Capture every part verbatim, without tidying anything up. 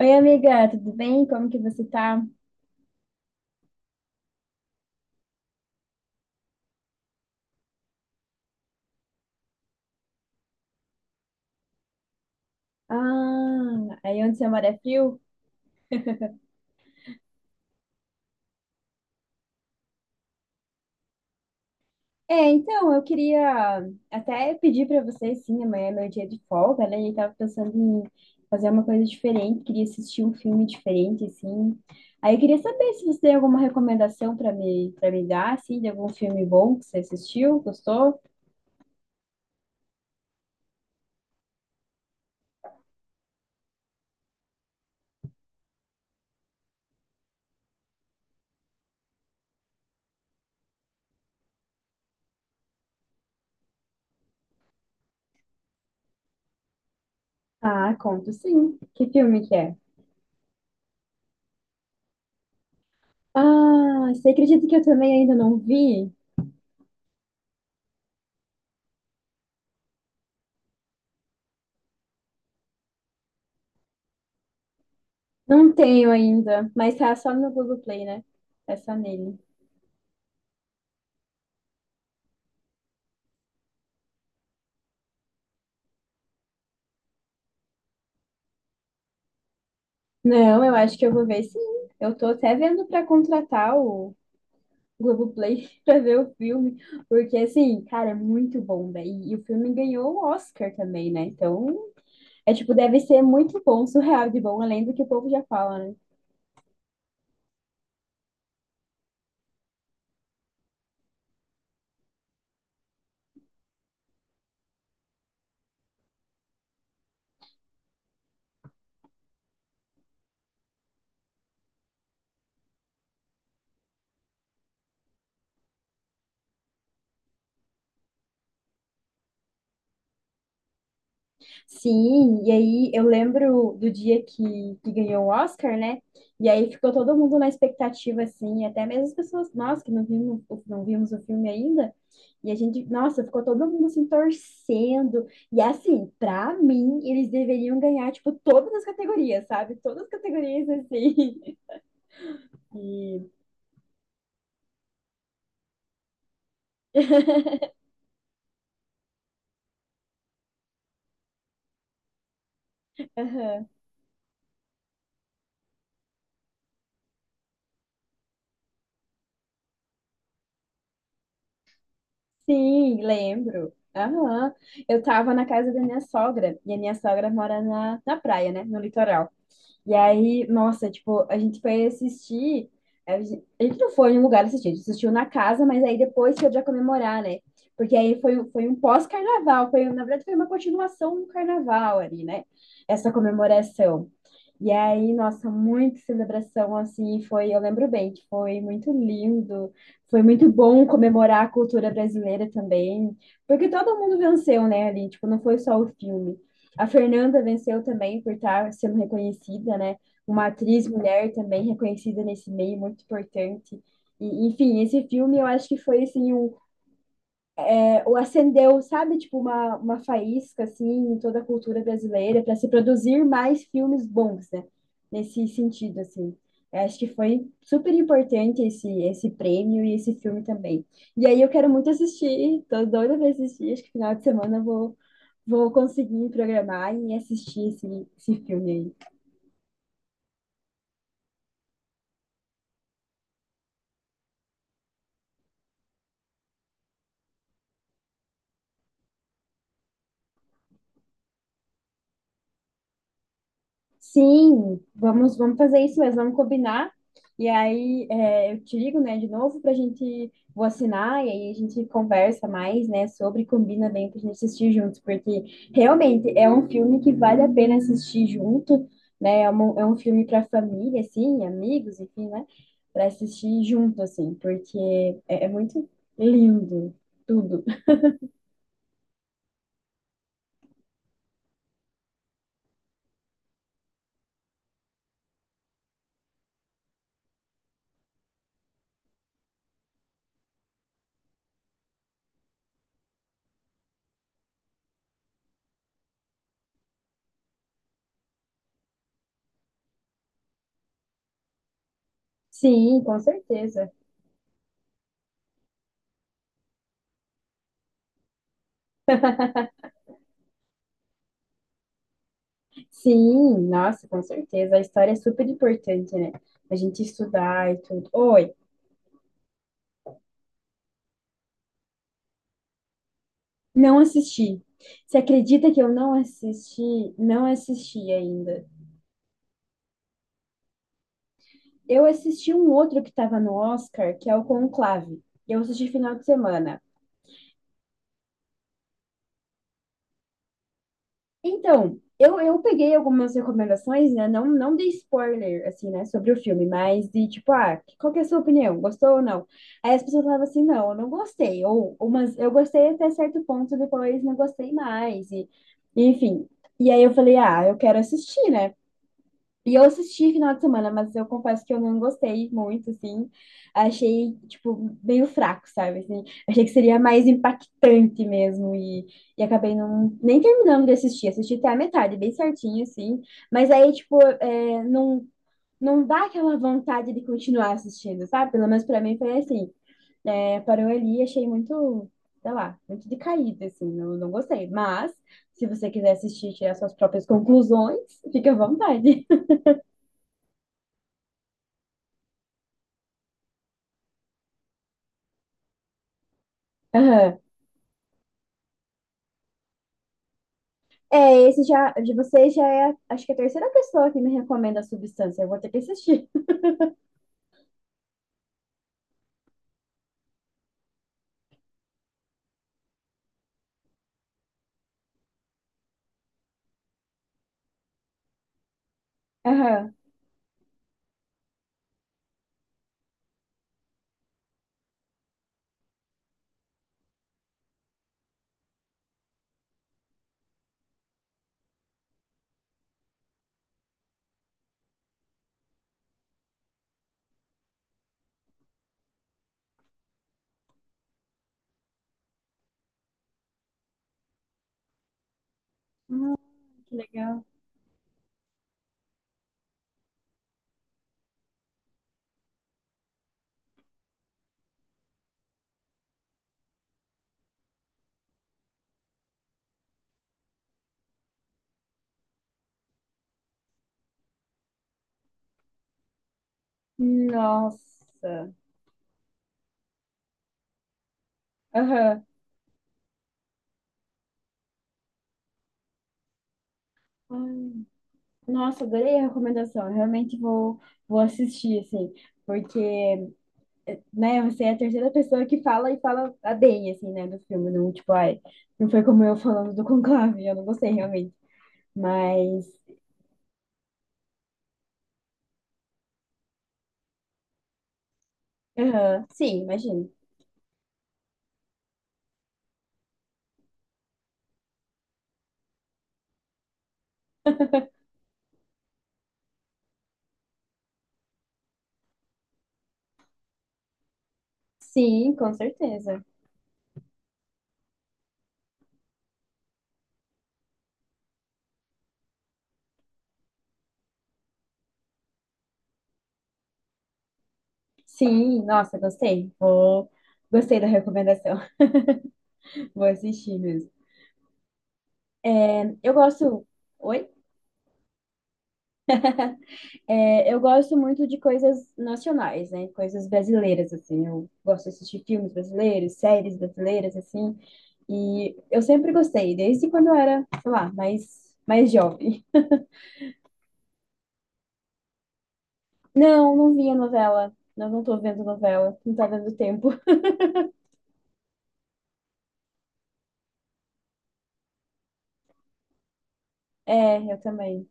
Oi, amiga, tudo bem? Como que você tá? Ah, aí onde você mora é frio? É, então, eu queria até pedir pra você, sim, amanhã é meu dia de folga, né? E tava pensando em fazer uma coisa diferente, queria assistir um filme diferente, assim. Aí eu queria saber se você tem alguma recomendação pra me, para me dar, assim, de algum filme bom que você assistiu, gostou? Ah, conto sim. Que filme que é? Ah, você acredita que eu também ainda não vi? Não tenho ainda, mas tá só no Google Play, né? É só nele. Não, eu acho que eu vou ver sim. Eu tô até vendo pra contratar o Globoplay pra ver o filme, porque assim, cara, é muito bom, velho. E o filme ganhou o Oscar também, né? Então, é tipo, deve ser muito bom, surreal de bom, além do que o povo já fala, né? Sim, e aí eu lembro do dia que, que ganhou o Oscar, né? E aí ficou todo mundo na expectativa, assim, até mesmo as pessoas, nós que não vimos, não vimos o filme ainda, e a gente, nossa, ficou todo mundo assim torcendo. E assim, pra mim, eles deveriam ganhar, tipo, todas as categorias, sabe? Todas as categorias, assim. E, aham. Sim, lembro. Aham. Eu tava na casa da minha sogra, e a minha sogra mora na, na praia, né? No litoral. E aí, nossa, tipo, a gente foi assistir. A gente a gente não foi em um lugar assistir, a gente assistiu na casa, mas aí depois foi já comemorar, né? Porque aí foi, um- foi um pós-carnaval, foi, na verdade, foi uma continuação do carnaval ali, né? Essa comemoração. E aí, nossa, muita celebração assim, foi, eu lembro bem, que foi muito lindo, foi muito bom comemorar a cultura brasileira também, porque todo mundo venceu, né, ali, tipo, não foi só o filme. A Fernanda venceu também por estar sendo reconhecida, né? Uma atriz mulher também reconhecida nesse meio, muito importante. E, enfim, esse filme eu acho que foi assim, um, é, ou acendeu, sabe, tipo uma, uma faísca assim em toda a cultura brasileira para se produzir mais filmes bons, né? Nesse sentido, assim. Eu acho que foi super importante esse, esse prêmio e esse filme também. E aí eu quero muito assistir, tô doida pra assistir, acho que final de semana eu vou, vou conseguir programar e assistir esse, esse filme aí. Sim, vamos, vamos fazer isso mesmo, vamos combinar. E aí, é, eu te ligo, né, de novo pra gente, vou assinar e aí a gente conversa mais, né, sobre, combina bem pra gente assistir juntos, porque realmente é um filme que vale a pena assistir junto, né, é um, é um filme pra família, assim, amigos, enfim, né, pra assistir junto, assim, porque é é muito lindo tudo. Sim, com certeza. Sim, nossa, com certeza. A história é super importante, né? A gente estudar e tudo. Oi, não assisti. Você acredita que eu não assisti? Não assisti ainda. Eu assisti um outro que estava no Oscar, que é o Conclave. Eu assisti final de semana. Então, eu, eu peguei algumas recomendações, né? Não, não dei spoiler, assim, né? Sobre o filme, mas de tipo, ah, qual que é a sua opinião? Gostou ou não? Aí as pessoas falavam assim, não, eu não gostei. Ou, ou mas eu gostei até certo ponto, depois não gostei mais. E, e, enfim. E aí eu falei, ah, eu quero assistir, né? E eu assisti final de semana, mas eu confesso que eu não gostei muito, assim. Achei, tipo, meio fraco, sabe? Assim. Achei que seria mais impactante mesmo. E, e acabei não, nem terminando de assistir. Assisti até a metade, bem certinho, assim. Mas aí, tipo, é, não, não dá aquela vontade de continuar assistindo, sabe? Pelo menos pra mim foi assim. É, parou ali, e achei muito, sei lá, muito decaído, assim. Não, não gostei. Mas, se você quiser assistir e tirar suas próprias conclusões, fica à vontade. Aham. É, esse já, de você já é, acho que a terceira pessoa que me recomenda a substância. Eu vou ter que assistir. Aham. Ah, que legal. Nossa. Aham. Ai, nossa, adorei a recomendação. Eu realmente vou, vou assistir, assim, porque, eh, né, você é a terceira pessoa que fala e fala a bem, assim, né, do filme. Não, tipo, ai, não foi como eu falando do Conclave, eu não gostei realmente. Mas, aham, sim, imagino. Sim, com certeza. Sim, nossa, gostei. Vou... Gostei da recomendação. Vou assistir mesmo. Eu gosto. Oi? É, eu gosto muito de coisas nacionais, né? Coisas brasileiras, assim. Eu gosto de assistir filmes brasileiros, séries brasileiras, assim. E eu sempre gostei, desde quando eu era, sei lá, mais, mais jovem. Não, não via novela. Não, não tô vendo novela. Não tá dando tempo. É, eu também.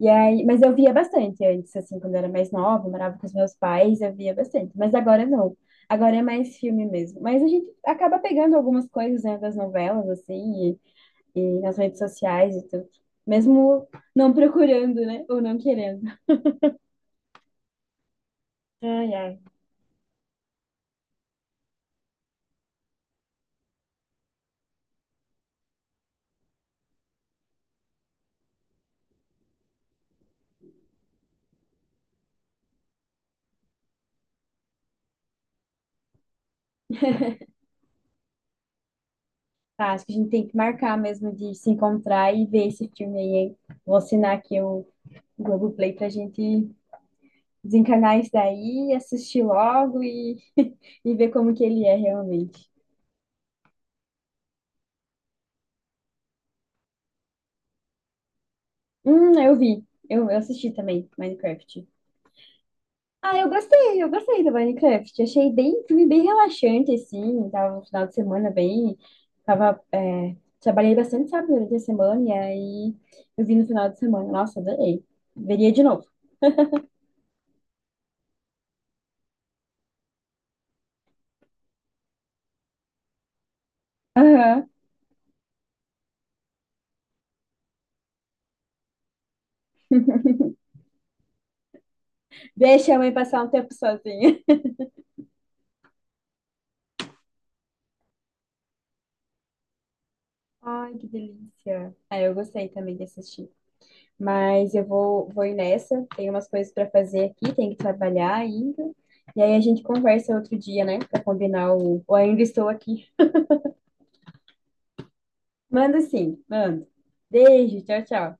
E aí, mas eu via bastante antes, assim, quando eu era mais nova, eu morava com os meus pais, eu via bastante. Mas agora não. Agora é mais filme mesmo. Mas a gente acaba pegando algumas coisas, né, das novelas, assim, e, e nas redes sociais e tudo. Mesmo não procurando, né? Ou não querendo. Ai, ai. Tá, acho que a gente tem que marcar mesmo de se encontrar e ver esse filme aí, hein? Vou assinar aqui o Globoplay pra gente desencanar isso daí, assistir logo e, e ver como que ele é realmente. Hum, eu vi. Eu, eu assisti também Minecraft. Ah, eu gostei, eu gostei do Minecraft. Achei bem, filme bem relaxante, assim. Tava no final de semana bem. Tava, é, trabalhei bastante, sabe, durante a semana. E aí eu vi no final de semana. Nossa, adorei. Veria de novo. Aham. Deixa a mãe passar um tempo sozinha. Ai, que delícia. Ah, eu gostei também de assistir. Mas eu vou, vou ir nessa. Tem umas coisas para fazer aqui, tem que trabalhar ainda. E aí a gente conversa outro dia, né? Para combinar o. Ou ainda estou aqui. Manda sim, manda. Beijo, tchau, tchau.